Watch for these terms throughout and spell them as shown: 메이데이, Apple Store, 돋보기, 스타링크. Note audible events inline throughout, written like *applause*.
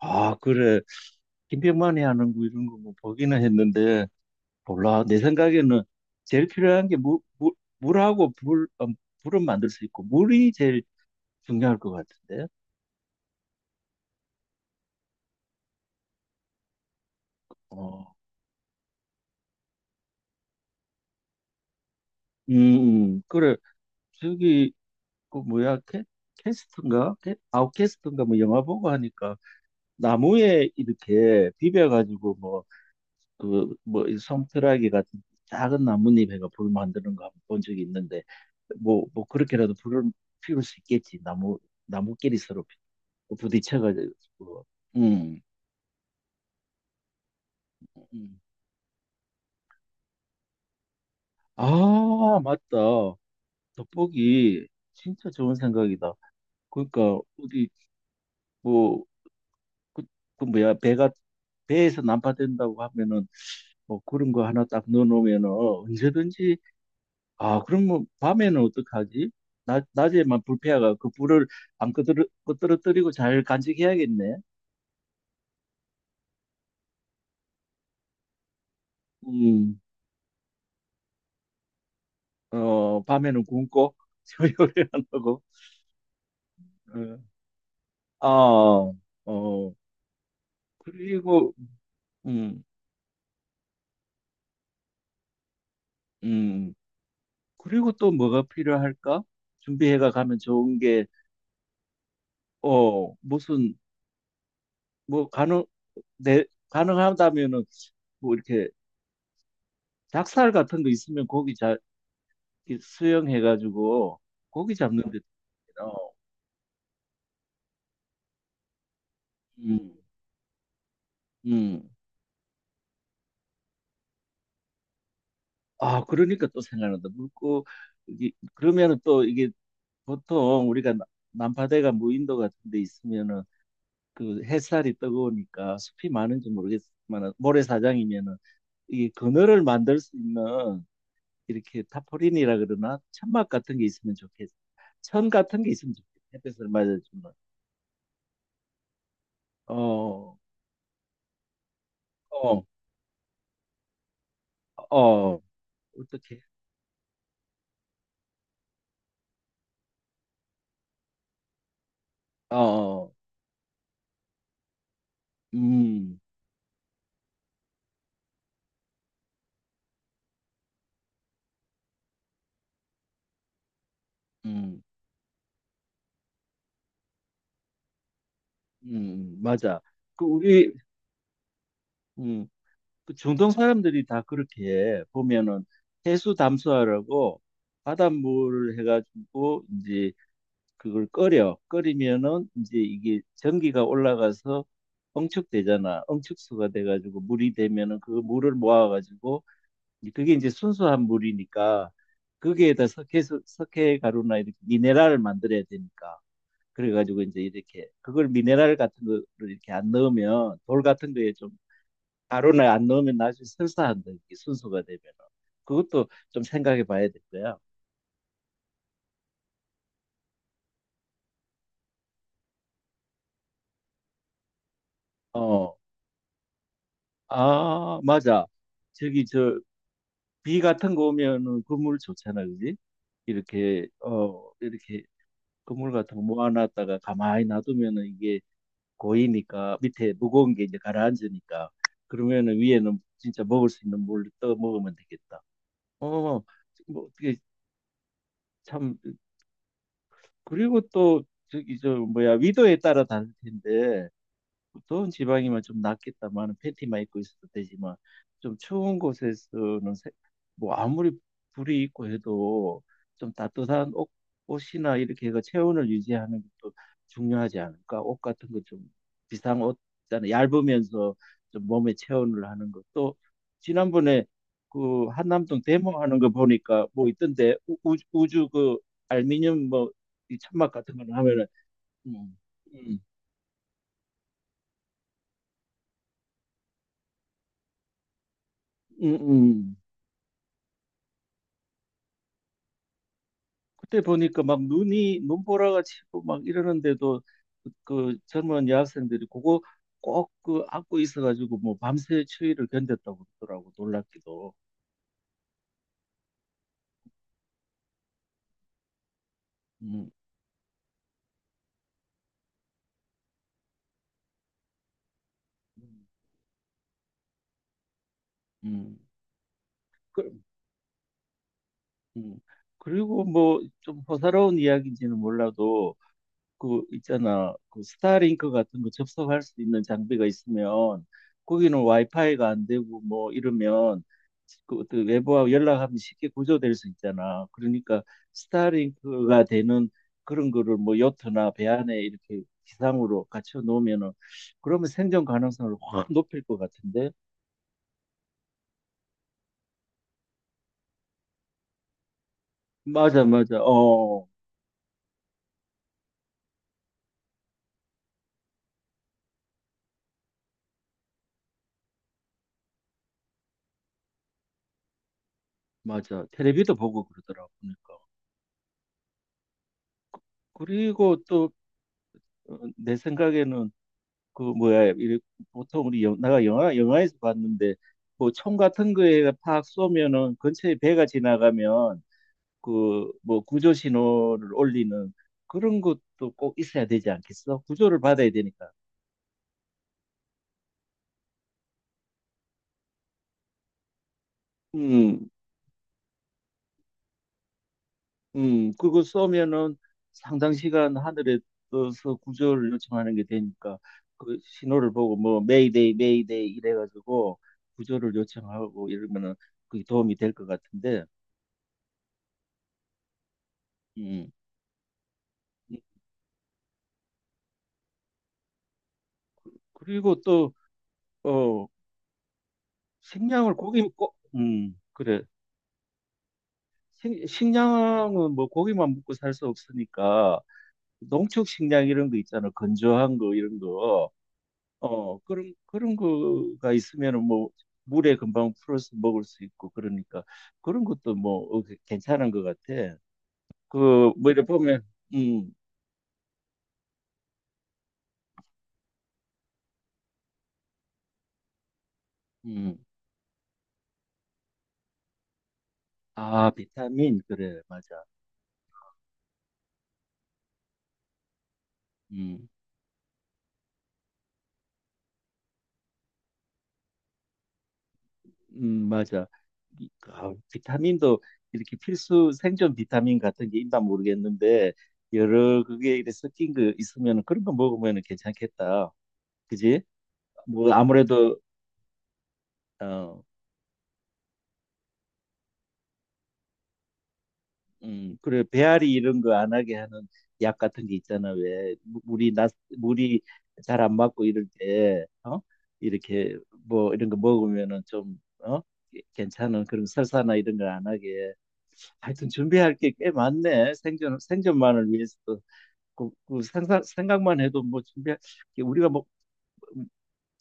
아, 그래. 김병만이 하는 거 이런 거 뭐 보기는 했는데, 몰라. 내 생각에는 제일 필요한 게 물하고 불, 불은 만들 수 있고, 물이 제일 중요할 것 같은데. 어, 그래. 저기, 그 뭐야, 캐, 캐스트인가? 아웃캐스트인가? 뭐 영화 보고 하니까 나무에 이렇게 비벼가지고 이 솜털아기 같은 작은 나뭇잎에가 불 만드는 거 한번 본 적이 있는데, 그렇게라도 불을 피울 수 있겠지. 나무끼리 서로 부딪혀가지고. 음. 음. 아, 맞다. 돋보기. 진짜 좋은 생각이다. 그러니까, 뭐, 그, 그 뭐야, 배에서 난파된다고 하면은, 뭐, 그런 거 하나 딱 넣어놓으면은, 언제든지. 아, 그럼 뭐 밤에는 어떡하지? 낮에만 불패화가 그 불을 안 끄드러, 끄드러뜨리고 잘 간직해야겠네. 음, 어, 밤에는 굶고 *laughs* 요리를 안 하고. 어, 아, 어, 그리고 음, 음, 그리고 또 뭐가 필요할까? 준비해가 가면 좋은 게 어, 무슨 뭐 가능 내 가능하다면은 뭐 이렇게 닭살 같은 거 있으면 이 수영해가지고 고기 잡는 데, 어, 음, 음. 아, 그러니까 또 생각난다. 이게, 그러면은 또 이게 보통 우리가 남파대가 무인도 같은 데 있으면은 그 햇살이 뜨거우니까 숲이 많은지 모르겠지만 모래사장이면은 이 그늘을 만들 수 있는 이렇게 타포린이라 그러나 천막 같은 게 있으면 좋겠어. 천 같은 게 있으면 좋겠어. 햇볕을 맞아주면. 어, 어, 어, 어떻게? 어, 음, 음, 맞아. 그 우리 음, 그 중동 사람들이 다 그렇게 해. 보면은 해수 담수화라고 바닷물을 해가지고 이제 그걸 끓여. 끓이면은 이제 이게 전기가 올라가서 엉축되잖아. 엉축수가 돼가지고 물이 되면은 그 물을 모아가지고 이제 그게 이제 순수한 물이니까 거기에다 석회 가루나 이렇게 미네랄을 만들어야 되니까. 그래가지고 이제 이렇게 그걸 미네랄 같은 거를 이렇게 안 넣으면 돌 같은 거에 좀 가루나 안 넣으면 나중에 설사한다. 이게 순수가 되면 그것도 좀 생각해 봐야 될 거야. 어, 아 맞아. 저기 저 비 같은 거 오면은 그물 좋잖아, 그지? 이렇게 어 이렇게 그물 같은 거 모아놨다가 가만히 놔두면은 이게 고이니까 밑에 무거운 게 이제 가라앉으니까 그러면은 위에는 진짜 먹을 수 있는 물로 떠 먹으면 되겠다. 어, 뭐 어떻게 참. 그리고 또 저기 저 뭐야 위도에 따라 다를 텐데 더운 지방이면 좀 낫겠다만 팬티만 입고 있어도 되지만 좀 추운 곳에서는 뭐 아무리 불이 있고 해도 좀 옷이나 이렇게 해서 체온을 유지하는 것도 중요하지 않을까? 옷 같은 거 좀 비싼 옷 있잖아. 얇으면서 좀 몸에 체온을 하는 것도. 지난번에 그 한남동 데모하는 거 보니까 뭐 있던데 우주 그 알미늄 뭐이 천막 같은 거 하면은. 음, 음, 음, 음. 그때 보니까 막 눈이 눈보라가 치고 막 이러는데도 그 젊은 여학생들이 그거 꼭 그 안고 있어가지고 뭐 밤새 추위를 견뎠다고 그러더라고. 놀랍기도. 음, 음. 음, 그, 음. 그리고 뭐 좀 호사로운 이야기인지는 몰라도 그 있잖아 그 스타링크 같은 거 접속할 수 있는 장비가 있으면 거기는 와이파이가 안 되고 뭐 이러면 그 어떤 외부와 연락하면 쉽게 구조될 수 있잖아. 그러니까 스타링크가 되는 그런 거를 뭐 요트나 배 안에 이렇게 기상으로 갖춰 놓으면은 그러면 생존 가능성을 확 높일 것 같은데. 맞아, 맞아. 어, 맞아. 텔레비도 보고 그러더라고. 그러니까. 그리고 또 어, 내 생각에는 그 뭐야 이래 보통 내가 영화에서 봤는데 뭐 총 같은 거에 팍 쏘면은 근처에 배가 지나가면 그 뭐 구조 신호를 올리는 그런 것도 꼭 있어야 되지 않겠어? 구조를 받아야 되니까. 음, 그거 쏘면은 상당 시간 하늘에 떠서 구조를 요청하는 게 되니까 그 신호를 보고 뭐 메이데이 메이데이 이래가지고 구조를 요청하고 이러면은 그게 도움이 될 것 같은데. 음. 그리고 또 어, 식량을 그래. 식량은 뭐 고기만 먹고 살 수 없으니까 농축 식량 이런 거 있잖아. 건조한 거 이런 거. 어, 그런 거가 있으면은 뭐 물에 금방 풀어서 먹을 수 있고 그러니까 그런 것도 뭐 어, 그 괜찮은 것 같아. 그, 뭐 이래 보면, 음, 음. 아, 비타민. 그래, 맞아. 음. 맞아. 아, 비타민도 이렇게 필수 생존 비타민 같은 게 있나 모르겠는데 여러 그게 이렇게 섞인 거 있으면 그런 거 먹으면 괜찮겠다. 그지? 뭐 아무래도 어, 그래 배앓이 이런 거 안 하게 하는 약 같은 게 있잖아. 왜 물이 잘 안 맞고 이럴 때 어? 이렇게 뭐 이런 거 먹으면은 좀 어? 괜찮은 그런 설사나 이런 걸 안 하게. 하여튼 준비할 게 꽤 많네. 생존만을 위해서도. 생각만 해도 뭐 준비할, 게 우리가 뭐,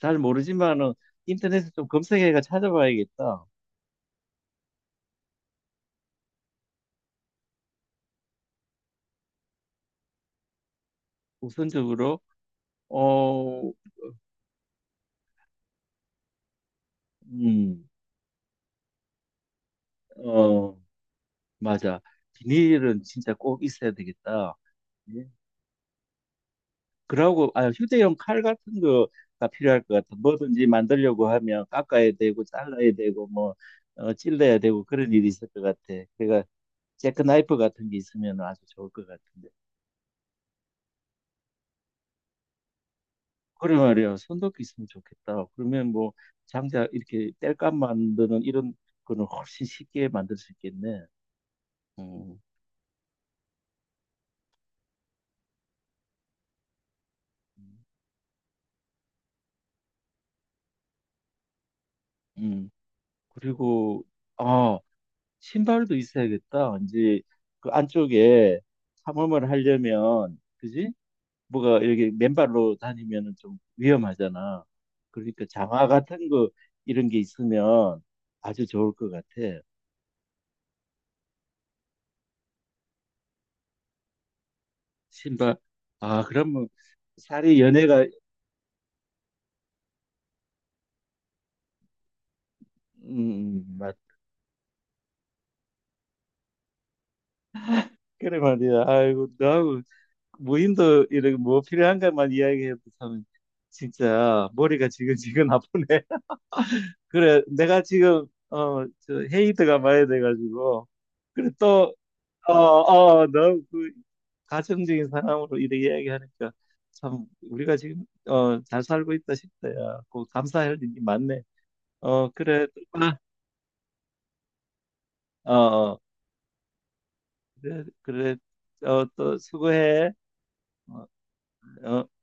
잘 모르지만은 인터넷에 좀 검색해가 찾아봐야겠다. 우선적으로, 어, 음, 어, 맞아. 비닐은 진짜 꼭 있어야 되겠다. 예. 그러고, 아, 휴대용 칼 같은 거가 필요할 것 같아. 뭐든지 만들려고 하면 깎아야 되고, 잘라야 되고, 뭐, 어, 찔러야 되고, 그런 일이 있을 것 같아. 그러니까 잭크나이프 같은 게 있으면 아주 좋을 것 같은데. 그래 말이야. 손도끼 있으면 좋겠다. 그러면 뭐 장작 이렇게 땔감 만드는 이런 거는 훨씬 쉽게 만들 수 있겠네. 음. 음. 그리고 아, 신발도 있어야겠다. 이제 그 안쪽에 탐험을 하려면 그지? 뭐가 이렇게 맨발로 다니면은 좀 위험하잖아. 그러니까 장화 같은 거 이런 게 있으면 아주 좋을 것 같아. 신발. 아, 그러면 살이 연애가 맞. 그래 말이야. 아이고, 너하고 무인도 이런 뭐 필요한 것만 이야기해도 참 진짜 머리가 지근지근 아프네. *laughs* 그래, 내가 지금 어, 저 헤이드가 많이 돼가지고 그래 또 너그 가정적인 사람으로 이렇게 이야기하니까 참 우리가 지금 어, 잘 살고 있다 싶다. 야, 꼭 감사할 일이 많네. 어, 그래. 또 봐. 어, 어. 그래, 그래. 어, 또 수고해. 어, 어.